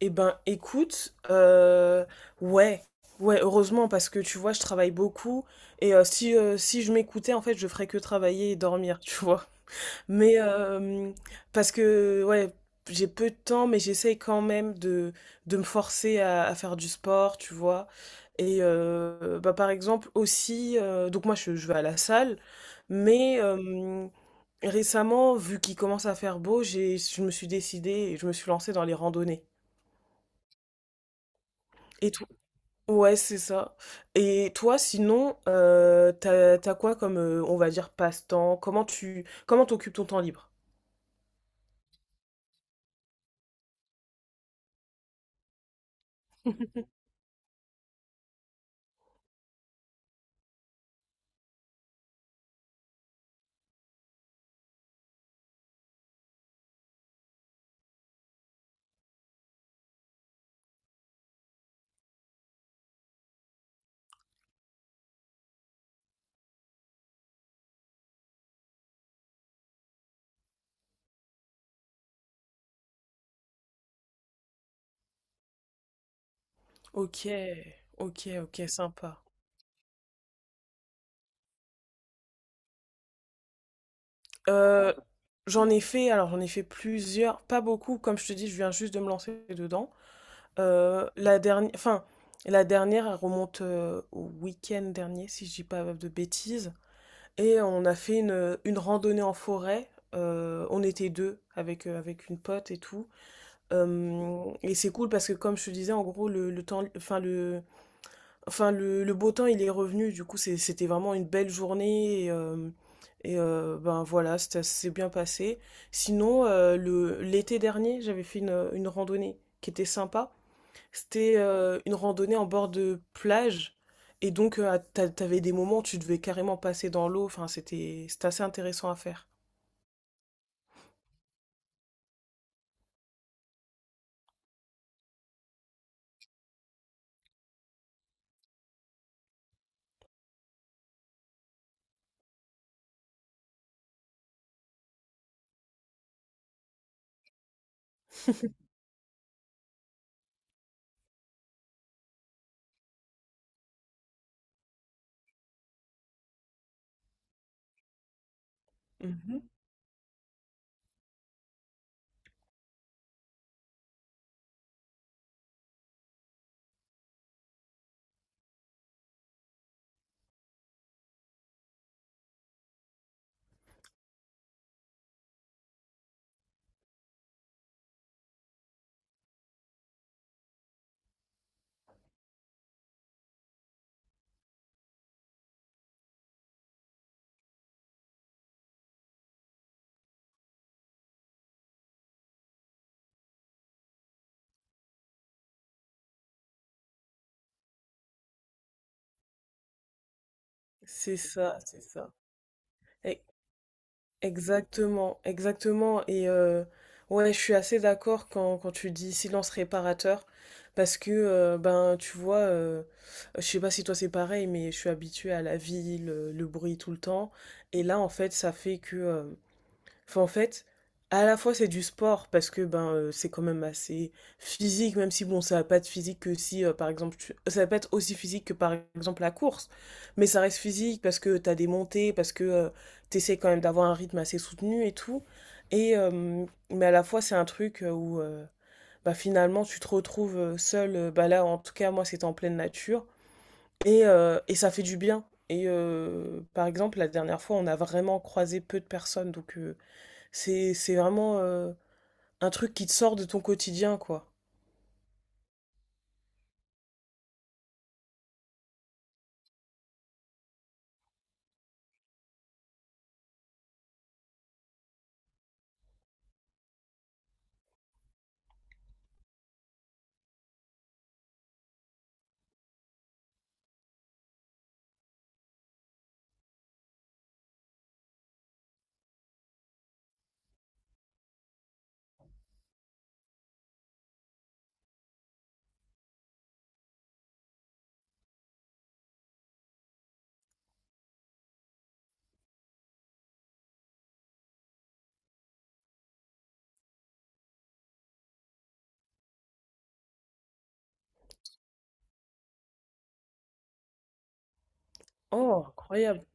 Eh ben, écoute, ouais, ouais, heureusement parce que tu vois, je travaille beaucoup et si je m'écoutais, en fait, je ferais que travailler et dormir, tu vois. Mais parce que ouais, j'ai peu de temps, mais j'essaye quand même de me forcer à faire du sport, tu vois. Et bah par exemple aussi, donc moi je vais à la salle, mais récemment, vu qu'il commence à faire beau, j'ai je me suis décidée et je me suis lancée dans les randonnées. Et Ouais, c'est ça. Et toi, sinon, t'as quoi comme, on va dire, passe-temps? Comment t'occupes ton temps libre? OK, OK, OK, sympa. Euh, alors j'en ai fait plusieurs, pas beaucoup, comme je te dis, je viens juste de me lancer dedans. Euh, la dernière, enfin, la dernière, elle remonte au week-end dernier, si je dis pas de bêtises. Et on a fait une randonnée en forêt. On était deux avec une pote et tout. Et c'est cool parce que comme je te disais, en gros, le temps, enfin le beau temps, il est revenu. Du coup, c'était vraiment une belle journée. Et ben voilà, ça s'est bien passé. Sinon, l'été dernier, j'avais fait une randonnée qui était sympa. C'était une randonnée en bord de plage. Et donc, t'avais des moments où tu devais carrément passer dans l'eau. Enfin, c'était assez intéressant à faire. Mmh. C'est ça, c'est ça. E Exactement, exactement, et ouais, je suis assez d'accord quand tu dis: «Silence réparateur», parce que, ben, tu vois, je sais pas si toi c'est pareil, mais je suis habituée à la ville, le bruit tout le temps, et là, en fait, ça fait que. Enfin, en fait, à la fois c'est du sport parce que ben c'est quand même assez physique, même si bon ça va pas être physique que si par exemple ça va pas être aussi physique que par exemple la course, mais ça reste physique parce que t'as des montées, parce que tu t'essaies quand même d'avoir un rythme assez soutenu et tout. Et mais à la fois c'est un truc où bah, finalement tu te retrouves seul. Bah là en tout cas moi c'était en pleine nature, et ça fait du bien. Et par exemple la dernière fois on a vraiment croisé peu de personnes. Donc c'est vraiment, un truc qui te sort de ton quotidien, quoi. Oh, incroyable!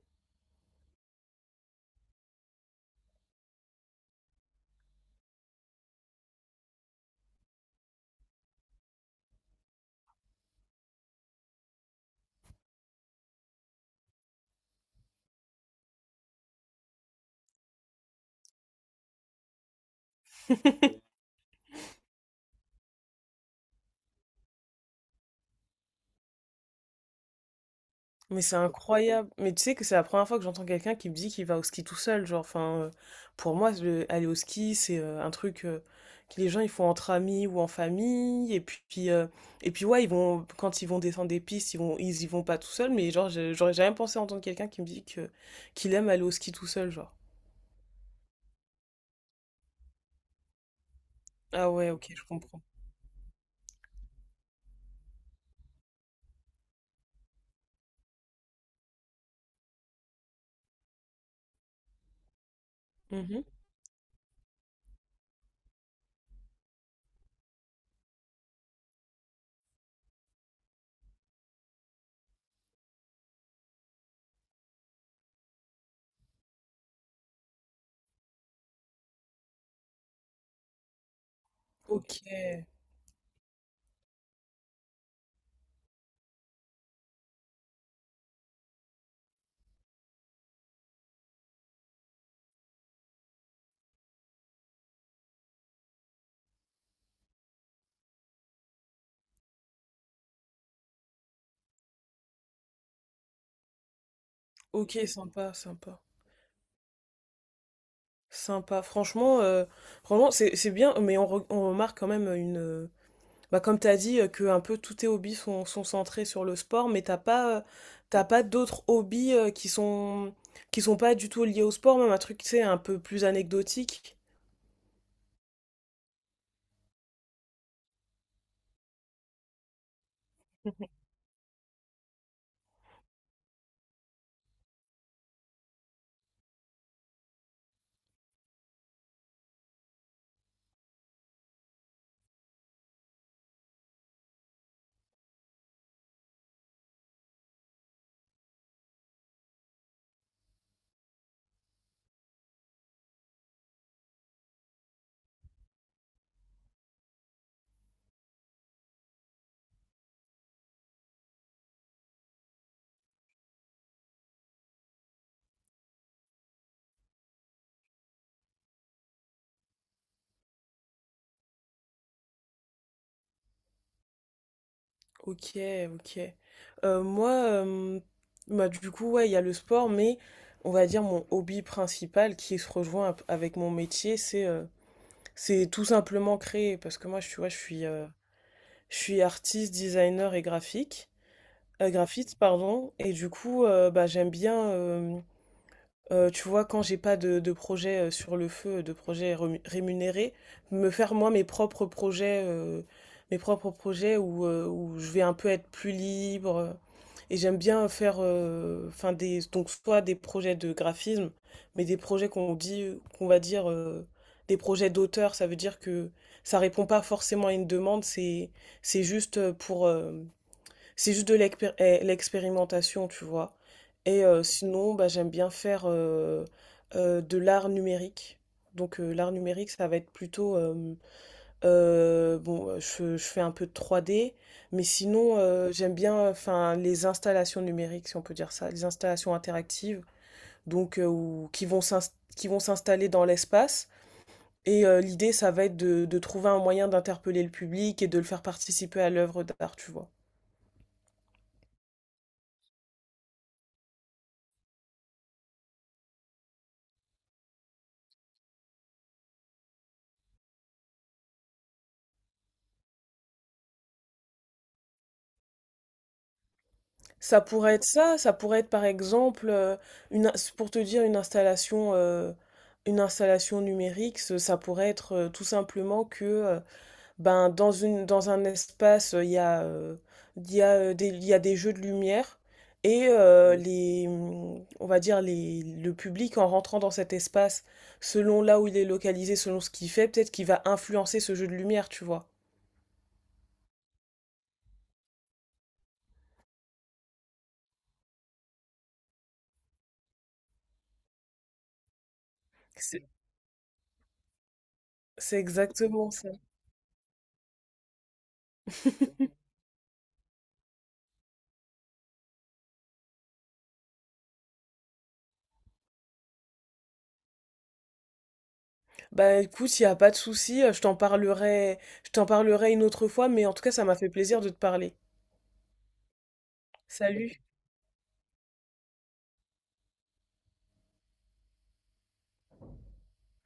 Mais c'est incroyable! Mais tu sais que c'est la première fois que j'entends quelqu'un qui me dit qu'il va au ski tout seul, genre, enfin, pour moi, le aller au ski, c'est, un truc, que les gens, ils font entre amis ou en famille, et puis, ouais, ils vont quand ils vont descendre des pistes, ils y vont pas tout seuls, mais genre, je j'aurais jamais pensé entendre quelqu'un qui me dit que qu'il aime aller au ski tout seul, genre. Ah ouais, OK, je comprends. Mmh. OK. OK, sympa, sympa. Sympa. Franchement c'est bien, mais on remarque quand même une. Bah, comme tu as dit, que un peu tous tes hobbies sont centrés sur le sport, mais t'as pas d'autres hobbies qui sont pas du tout liés au sport, même un truc, tu sais, un peu plus anecdotique. OK, OK. Moi, bah, du coup, ouais, il y a le sport, mais on va dire mon hobby principal qui se rejoint avec mon métier, c'est tout simplement créer. Parce que moi, tu vois, je suis artiste, designer et graphique, graphiste, pardon. Et du coup, bah, j'aime bien tu vois, quand j'ai pas de projet sur le feu, de projet rémunéré, me faire moi mes propres projets où je vais un peu être plus libre. Et j'aime bien faire, enfin donc soit des projets de graphisme, mais des projets qu'on va dire, des projets d'auteur. Ça veut dire que ça répond pas forcément à une demande. C'est c'est juste de l'expérimentation, tu vois. Et sinon, bah, j'aime bien faire de l'art numérique. Donc l'art numérique, ça va être plutôt, bon, je fais un peu de 3D, mais sinon, j'aime bien, enfin, les installations numériques, si on peut dire ça, les installations interactives, donc qui vont s'installer dans l'espace. Et l'idée, ça va être de trouver un moyen d'interpeller le public et de le faire participer à l'œuvre d'art, tu vois. Ça pourrait être ça, ça pourrait être par exemple, pour te dire une installation numérique, ça pourrait être tout simplement que ben, dans dans un espace, il y a, des, il y a des jeux de lumière et les, on va dire les, le public en rentrant dans cet espace, selon là où il est localisé, selon ce qu'il fait, peut-être qu'il va influencer ce jeu de lumière, tu vois. C'est c'est exactement ça. Bah écoute, il n'y a pas de souci, je t'en parlerai une autre fois, mais en tout cas, ça m'a fait plaisir de te parler. Salut.